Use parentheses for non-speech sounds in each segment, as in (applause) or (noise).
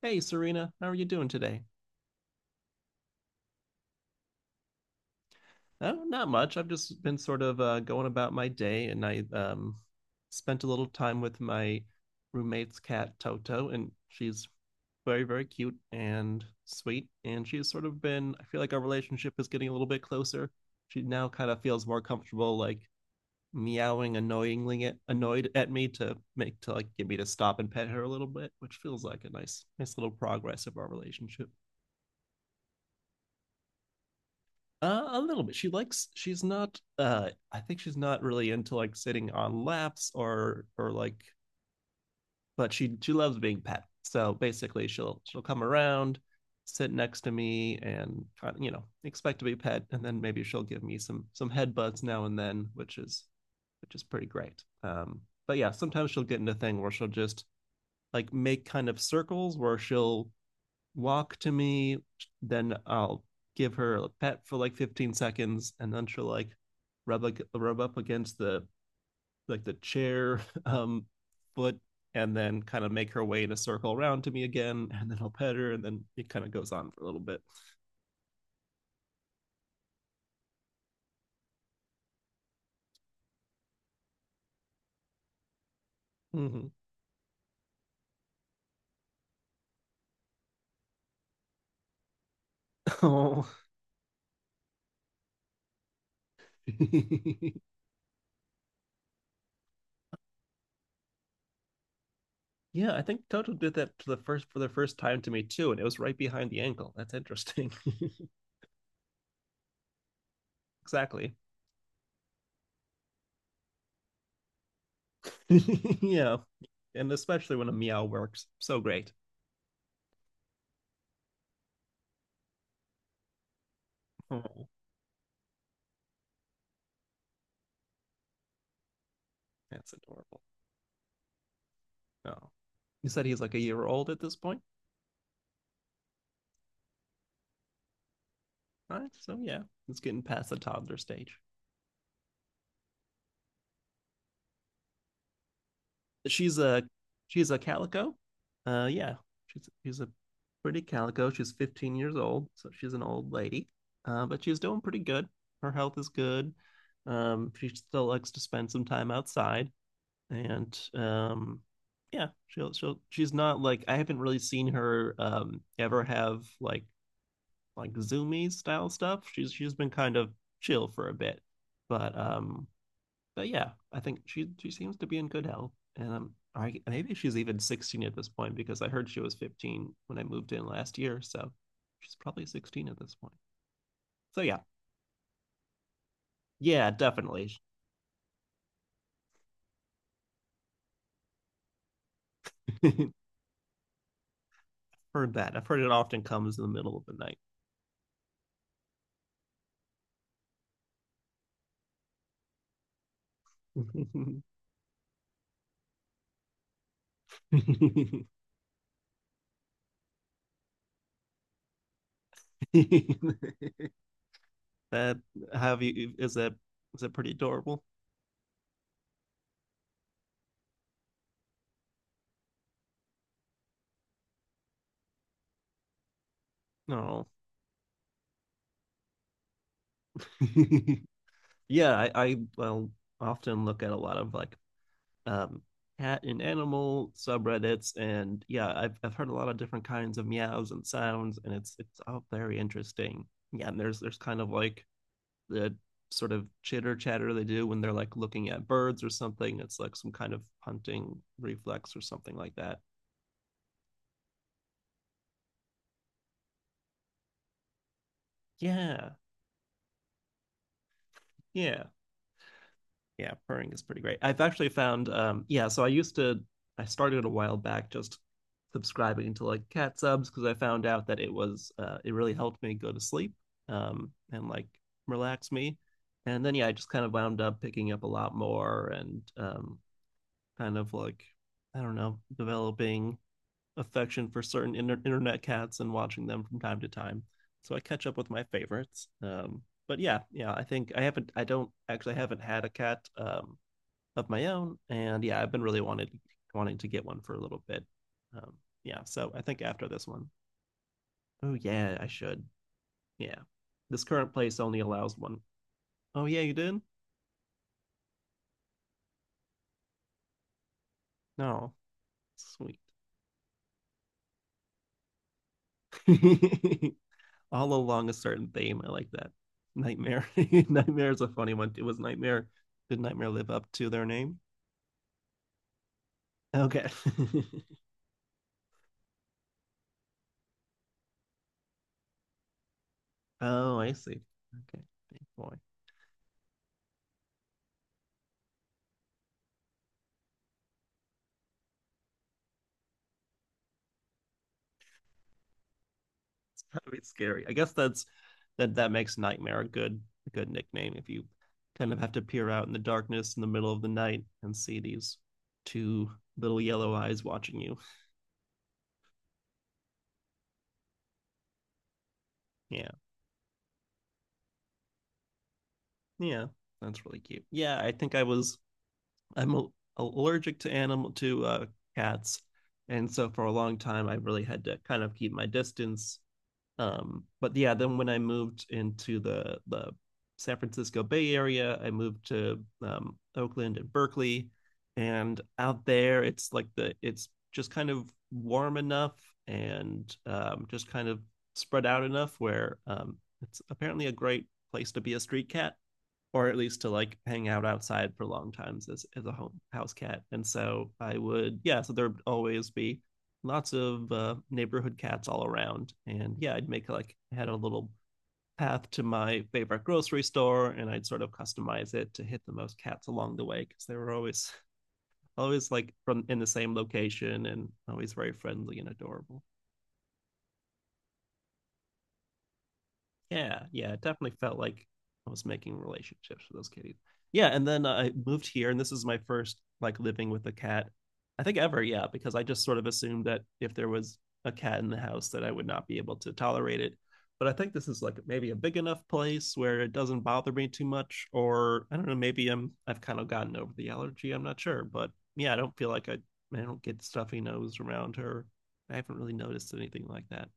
Hey, Serena, how are you doing today? Oh, not much. I've just been sort of going about my day, and I spent a little time with my roommate's cat, Toto, and she's very, very cute and sweet. And she's sort of been, I feel like our relationship is getting a little bit closer. She now kind of feels more comfortable, like meowing annoyingly at, annoyed at me to make to like get me to stop and pet her a little bit, which feels like a nice, nice little progress of our relationship. A little bit. She likes. She's not. I think she's not really into like sitting on laps or like. But she loves being pet. So basically, she'll come around, sit next to me, and expect to be pet, and then maybe she'll give me some headbutts now and then, which is pretty great. But yeah, sometimes she'll get into a thing where she'll just like make kind of circles where she'll walk to me. Then I'll give her a pet for like 15 seconds, and then she'll like rub up against the the chair (laughs) foot, and then kind of make her way in a circle around to me again, and then I'll pet her, and then it kind of goes on for a little bit. Hmm. Oh. (laughs) Yeah, I think Toto did that to the first for the first time to me too, and it was right behind the ankle. That's interesting. (laughs) Exactly. (laughs) Yeah, and especially when a meow works, so great. Oh. That's adorable. Oh. You said he's like a year old at this point? All right, so yeah, it's getting past the toddler stage. She's a she's a calico. Yeah. She's a pretty calico. She's 15 years old, so she's an old lady. But she's doing pretty good. Her health is good. She still likes to spend some time outside, and yeah, she's not like I haven't really seen her ever have like zoomy style stuff. She's been kind of chill for a bit, but um, but yeah, I think she seems to be in good health, and I maybe she's even 16 at this point because I heard she was 15 when I moved in last year, so she's probably 16 at this point. So yeah, yeah, definitely. (laughs) Heard that. I've heard it often comes in the middle of the night. (laughs) that have you is that pretty adorable? No. (laughs) Yeah, I well often look at a lot of um cat and animal subreddits and yeah, I've heard a lot of different kinds of meows and sounds and it's all very interesting. Yeah, and there's kind of like the sort of chitter chatter they do when they're like looking at birds or something. It's like some kind of hunting reflex or something like that. Yeah. Yeah. Yeah, purring is pretty great. I've actually found, yeah, so I used to, I started a while back just subscribing to like cat subs because I found out that it was it really helped me go to sleep, and like relax me. And then yeah, I just kind of wound up picking up a lot more and kind of like, I don't know, developing affection for certain internet cats and watching them from time to time, so I catch up with my favorites. But yeah, yeah, I think I don't actually I haven't had a cat of my own, and yeah, I've been really wanted wanting to get one for a little bit. Um, yeah, so I think after this one, oh yeah, I should. Yeah, this current place only allows one. Oh yeah, you did? No, sweet. (laughs) All along a certain theme. I like that. Nightmare. (laughs) Nightmare is a funny one. It was Nightmare. Did Nightmare live up to their name? Okay. (laughs) Oh, I see. Okay. Big boy. (laughs) It's kind of scary. I guess that that makes nightmare a good nickname if you kind of have to peer out in the darkness in the middle of the night and see these two little yellow eyes watching you. Yeah. Yeah. That's really cute. Yeah, I'm a- allergic to cats. And so for a long time I really had to kind of keep my distance. But yeah, then when I moved into the San Francisco Bay Area, I moved to Oakland and Berkeley, and out there it's like the it's just kind of warm enough and just kind of spread out enough where it's apparently a great place to be a street cat, or at least to like hang out outside for long times as a home house cat. And so I would, yeah, so there would always be lots of neighborhood cats all around. And yeah, I'd make, like I had a little path to my favorite grocery store and I'd sort of customize it to hit the most cats along the way because they were always (laughs) always like from in the same location and always very friendly and adorable. Yeah, yeah, it definitely felt like I was making relationships with those kitties. Yeah, and then I moved here, and this is my first like living with a cat, I think ever. Yeah, because I just sort of assumed that if there was a cat in the house, that I would not be able to tolerate it. But I think this is like maybe a big enough place where it doesn't bother me too much, or I don't know, maybe I've kind of gotten over the allergy. I'm not sure, but yeah, I don't feel like I don't get stuffy nose around her. I haven't really noticed anything like that.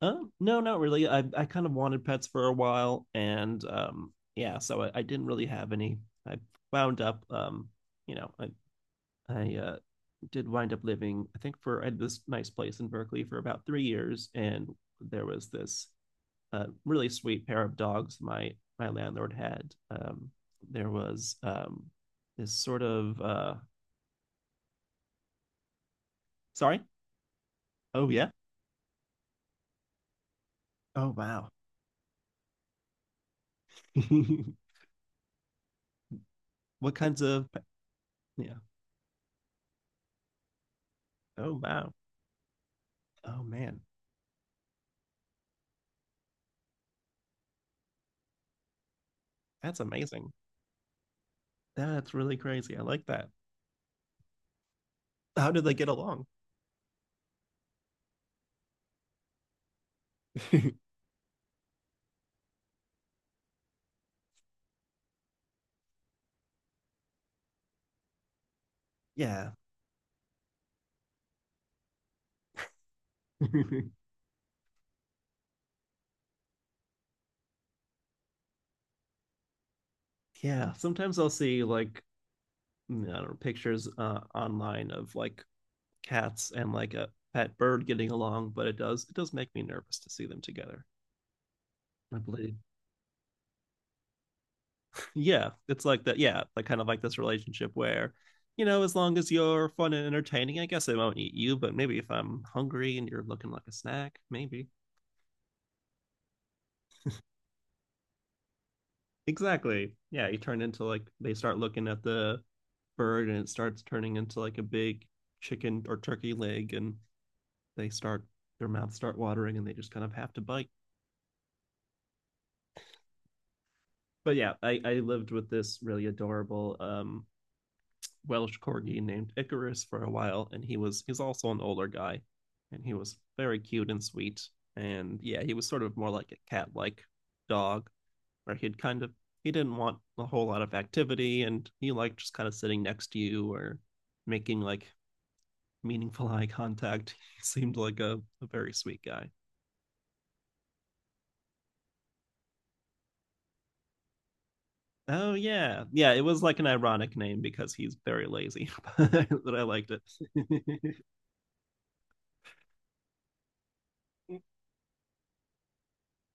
No, not really. I kind of wanted pets for a while, and yeah, so I didn't really have any. I wound up, you know, I I did wind up living. I think for I had this nice place in Berkeley for about 3 years, and there was this really sweet pair of dogs my landlord had. There was this sort of sorry. Oh yeah. Oh wow. (laughs) What kinds of, yeah. Oh wow. Oh man. That's amazing. That's really crazy. I like that. How did they get along? (laughs) Yeah. (laughs) Yeah. Sometimes I'll see like, I don't know, pictures online of like cats and like a pet bird getting along, but it does make me nervous to see them together. I believe. Yeah, it's like that. Yeah, like kind of like this relationship where, you know, as long as you're fun and entertaining, I guess I won't eat you. But maybe if I'm hungry and you're looking like a snack, maybe. Exactly. Yeah, you turn into like they start looking at the bird and it starts turning into like a big chicken or turkey leg and they start their mouths start watering and they just kind of have to bite. But yeah, I lived with this really adorable Welsh corgi named Icarus for a while and he's also an older guy and he was very cute and sweet and yeah, he was sort of more like a cat-like dog where he'd kind of he didn't want a whole lot of activity and he liked just kind of sitting next to you or making like meaningful (laughs) eye contact. He seemed like a very sweet guy. Oh yeah. Yeah, it was like an ironic name because he's very lazy, (laughs) but I liked it.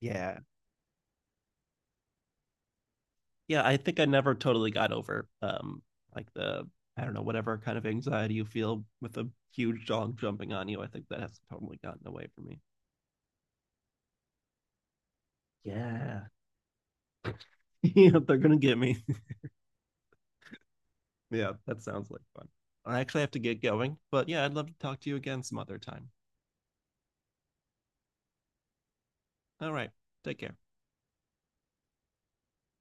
(laughs) Yeah. Yeah, I think I never totally got over like the I don't know, whatever kind of anxiety you feel with a huge dog jumping on you. I think that has totally gotten away from me. Yeah. (laughs) Yeah, they're gonna get me. Yeah, that sounds like fun. I actually have to get going, but yeah, I'd love to talk to you again some other time. All right, take care.